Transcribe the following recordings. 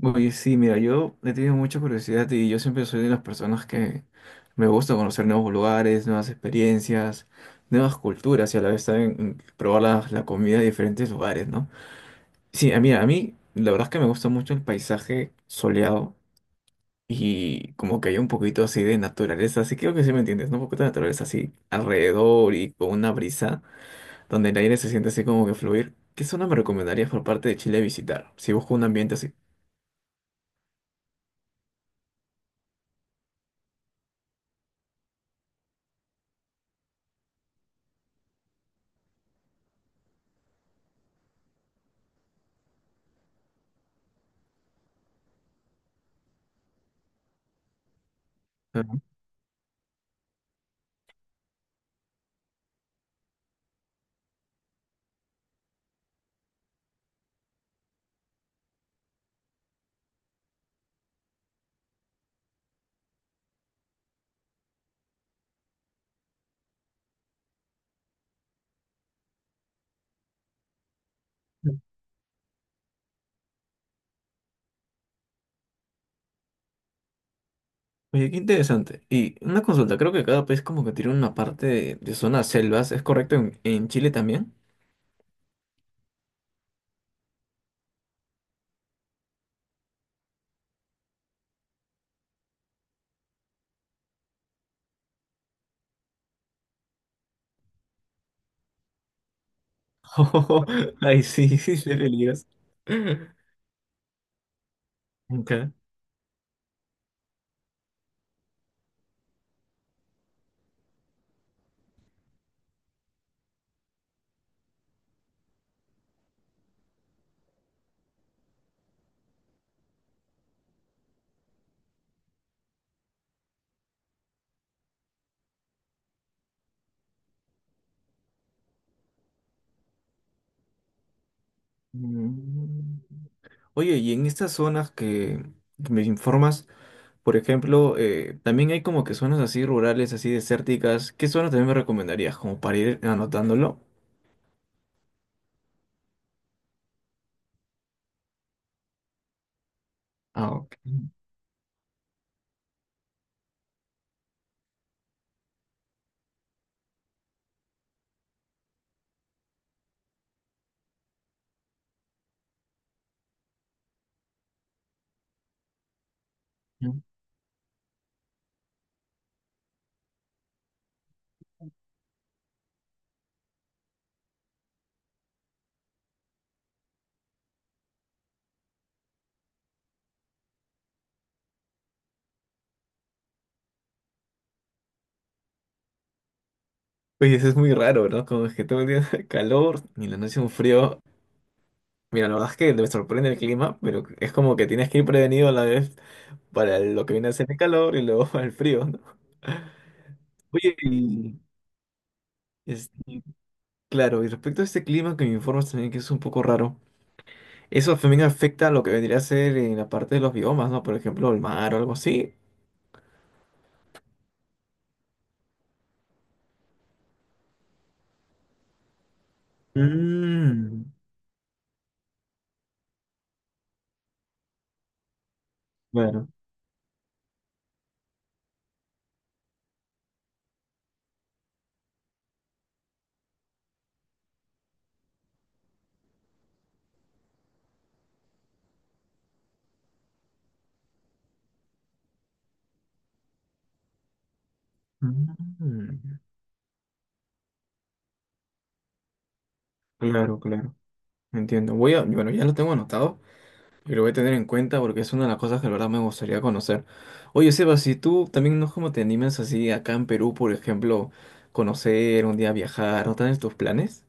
Oye, sí, mira, yo he tenido mucha curiosidad y yo siempre soy de las personas que me gusta conocer nuevos lugares, nuevas experiencias, nuevas culturas y a la vez también probar la comida de diferentes lugares, ¿no? Sí, a mí la verdad es que me gusta mucho el paisaje soleado y como que hay un poquito así de naturaleza, así creo que sí me entiendes, ¿no? Un poquito de naturaleza así alrededor y con una brisa donde el aire se siente así como que fluir. ¿Qué zona me recomendarías por parte de Chile visitar si busco un ambiente así? Ajá. Oye, qué interesante. Y una consulta, creo que cada país como que tiene una parte de zonas selvas. ¿Es correcto en Chile también? Ay, sí, sí, qué peligros. Okay. Mm. Oye, y en estas zonas que me informas, por ejemplo, también hay como que zonas así rurales, así desérticas. ¿Qué zonas también me recomendarías? Como para ir anotándolo. Ah, ok. Oye, eso es muy raro, ¿no? Como es que todo el día calor y la noche un frío. Mira, la verdad es que me sorprende el clima, pero es como que tienes que ir prevenido a la vez para lo que viene a ser el calor y luego el frío, ¿no? Oye, y, este, claro, y respecto a este clima que me informas también que es un poco raro, eso también afecta a lo que vendría a ser en la parte de los biomas, ¿no? Por ejemplo, el mar o algo así. Mm, claro. Mm, claro, claro. Entiendo. Voy a, bueno, ya lo tengo anotado. Y lo voy a tener en cuenta porque es una de las cosas que la verdad me gustaría conocer. Oye, Seba, si tú también no es como te animas así acá en Perú, por ejemplo, conocer, un día viajar, ¿no tienes tus planes?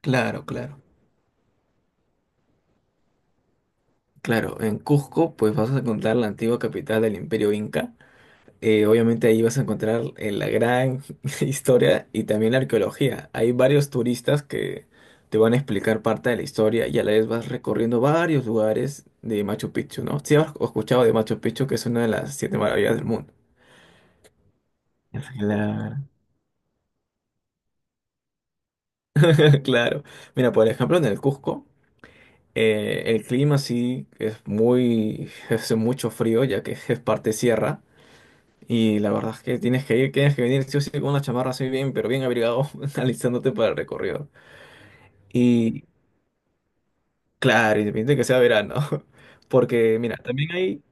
Claro, claro. Claro, en Cusco pues vas a encontrar la antigua capital del Imperio Inca. Obviamente ahí vas a encontrar la gran historia y también la arqueología. Hay varios turistas que te van a explicar parte de la historia y a la vez vas recorriendo varios lugares de Machu Picchu, ¿no? Si has escuchado de Machu Picchu, que es una de las siete maravillas del mundo. Claro. Claro. Mira, por ejemplo, en el Cusco, el clima sí es muy, hace mucho frío, ya que es parte sierra. Y la verdad es que tienes que ir, tienes que venir sí o sí con una chamarra así bien, pero bien abrigado, alistándote para el recorrido. Y claro, independiente de que sea verano, porque mira, también hay,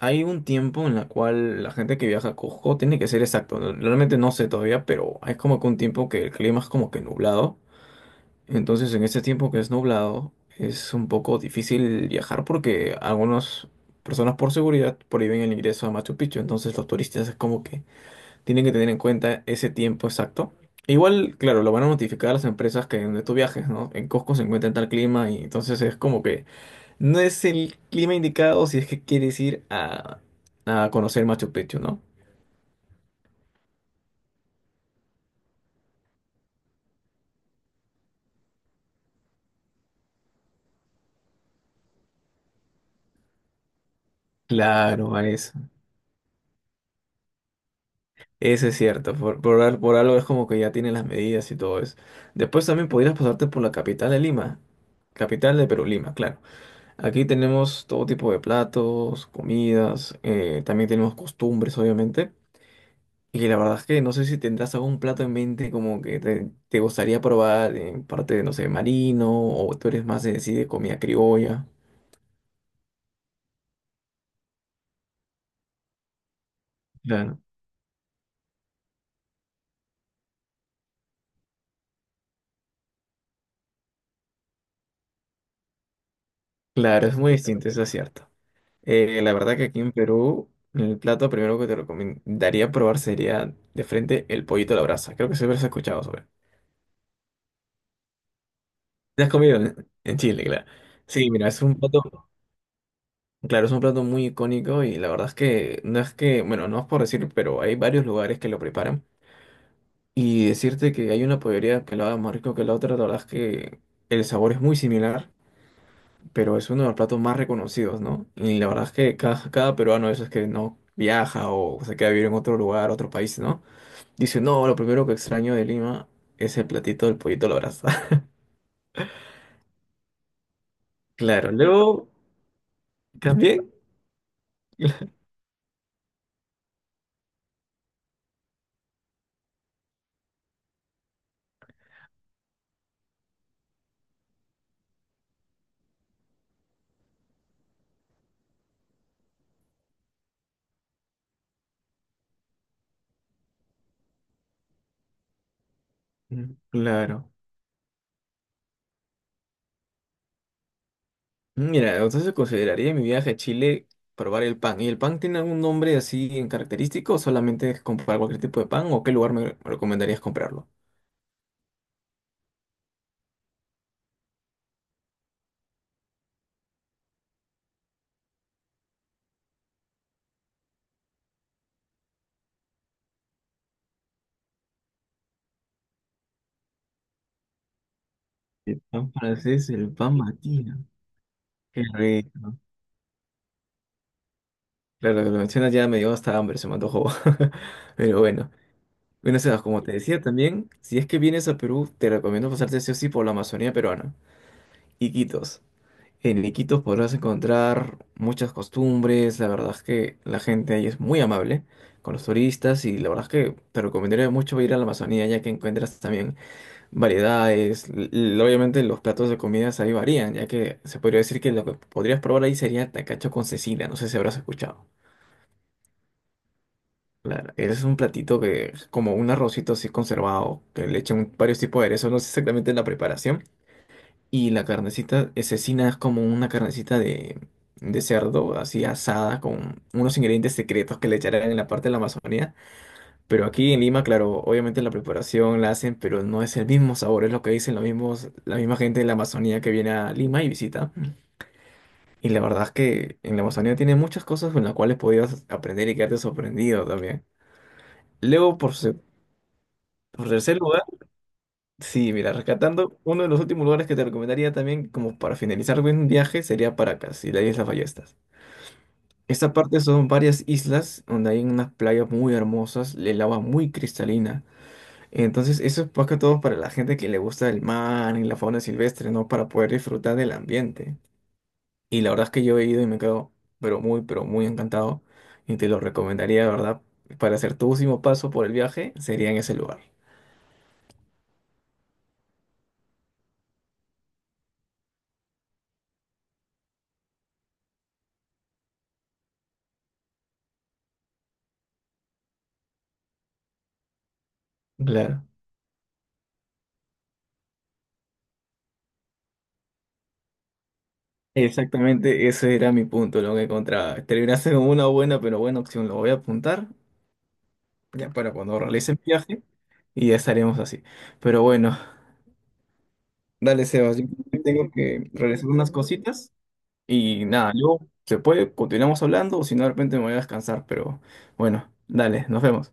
hay un tiempo en la cual la gente que viaja a Cusco tiene que ser exacto. Realmente no sé todavía, pero es como que un tiempo que el clima es como que nublado. Entonces, en este tiempo que es nublado, es un poco difícil viajar porque algunas personas por seguridad prohíben el ingreso a Machu Picchu. Entonces, los turistas es como que tienen que tener en cuenta ese tiempo exacto. Igual, claro, lo van a notificar a las empresas que donde tú viajes, ¿no? En Cusco se encuentra en tal clima y entonces es como que no es el clima indicado si es que quieres ir a conocer Machu Picchu, ¿no? Claro, a eso. Eso es cierto. Por algo es como que ya tienen las medidas y todo eso. Después también podrías pasarte por la capital de Lima. Capital de Perú, Lima, claro. Aquí tenemos todo tipo de platos, comidas, también tenemos costumbres, obviamente. Y la verdad es que no sé si tendrás algún plato en mente como que te gustaría probar en parte de, no sé, marino, o tú eres más de, sí, de comida criolla. Claro. Claro, es muy distinto, eso es cierto. La verdad que aquí en Perú, el plato primero que te recomendaría probar sería de frente el pollito a la brasa. Creo que siempre has escuchado sobre. ¿Te has comido en Chile, claro? Sí, mira, es un plato, claro, es un plato muy icónico y la verdad es que no es que, bueno, no es por decir, pero hay varios lugares que lo preparan. Y decirte que hay una pollería que lo haga más rico que la otra, la verdad es que el sabor es muy similar, pero es uno de los platos más reconocidos, ¿no? Y la verdad es que cada peruano de esos que no viaja o se queda a vivir en otro lugar, otro país, ¿no? Dice, no, lo primero que extraño de Lima es el platito del pollito a la brasa. Claro, luego también. Mm, claro. Mira, entonces consideraría mi viaje a Chile probar el pan. ¿Y el pan tiene algún nombre así en característico o solamente es comprar cualquier tipo de pan o qué lugar me recomendarías comprarlo? El pan francés, el pan matino. Qué rico. Claro, lo mencionas ya me dio hasta hambre, se me antojó. Pero bueno. Bueno, Sebas, como te decía también, si es que vienes a Perú, te recomiendo pasarte sí o sí por la Amazonía peruana. Iquitos. En Iquitos podrás encontrar muchas costumbres, la verdad es que la gente ahí es muy amable con los turistas y la verdad es que te recomendaría mucho ir a la Amazonía ya que encuentras también variedades, obviamente los platos de comidas ahí varían ya que se podría decir que lo que podrías probar ahí sería tacacho con cecina, no sé si habrás escuchado. Claro, es un platito que es como un arrocito así conservado, que le echan varios tipos de aderezos, no sé exactamente la preparación, y la carnecita cecina es como una carnecita de cerdo, así asada, con unos ingredientes secretos que le echarán en la parte de la Amazonía. Pero aquí en Lima, claro, obviamente la preparación la hacen, pero no es el mismo sabor, es lo que dicen los mismos, la misma gente de la Amazonía que viene a Lima y visita. Y la verdad es que en la Amazonía tiene muchas cosas con las cuales podías aprender y quedarte sorprendido también. Luego, por, se- por tercer lugar, sí, mira, rescatando, uno de los últimos lugares que te recomendaría también, como para finalizar un viaje, sería Paracas y la Isla Ballestas. Esta parte son varias islas donde hay unas playas muy hermosas, el agua muy cristalina. Entonces, eso es más que todo para la gente que le gusta el mar y la fauna silvestre, ¿no? Para poder disfrutar del ambiente. Y la verdad es que yo he ido y me quedo, pero muy encantado. Y te lo recomendaría, de verdad, para hacer tu último paso por el viaje, sería en ese lugar. Claro. Exactamente, ese era mi punto, lo que encontraba. Terminaste con una buena, pero buena opción. Lo voy a apuntar ya para cuando realice el viaje y ya estaremos así. Pero bueno, dale, Sebas. Yo tengo que realizar unas cositas y nada, luego se puede, continuamos hablando o si no, de repente me voy a descansar. Pero bueno, dale, nos vemos.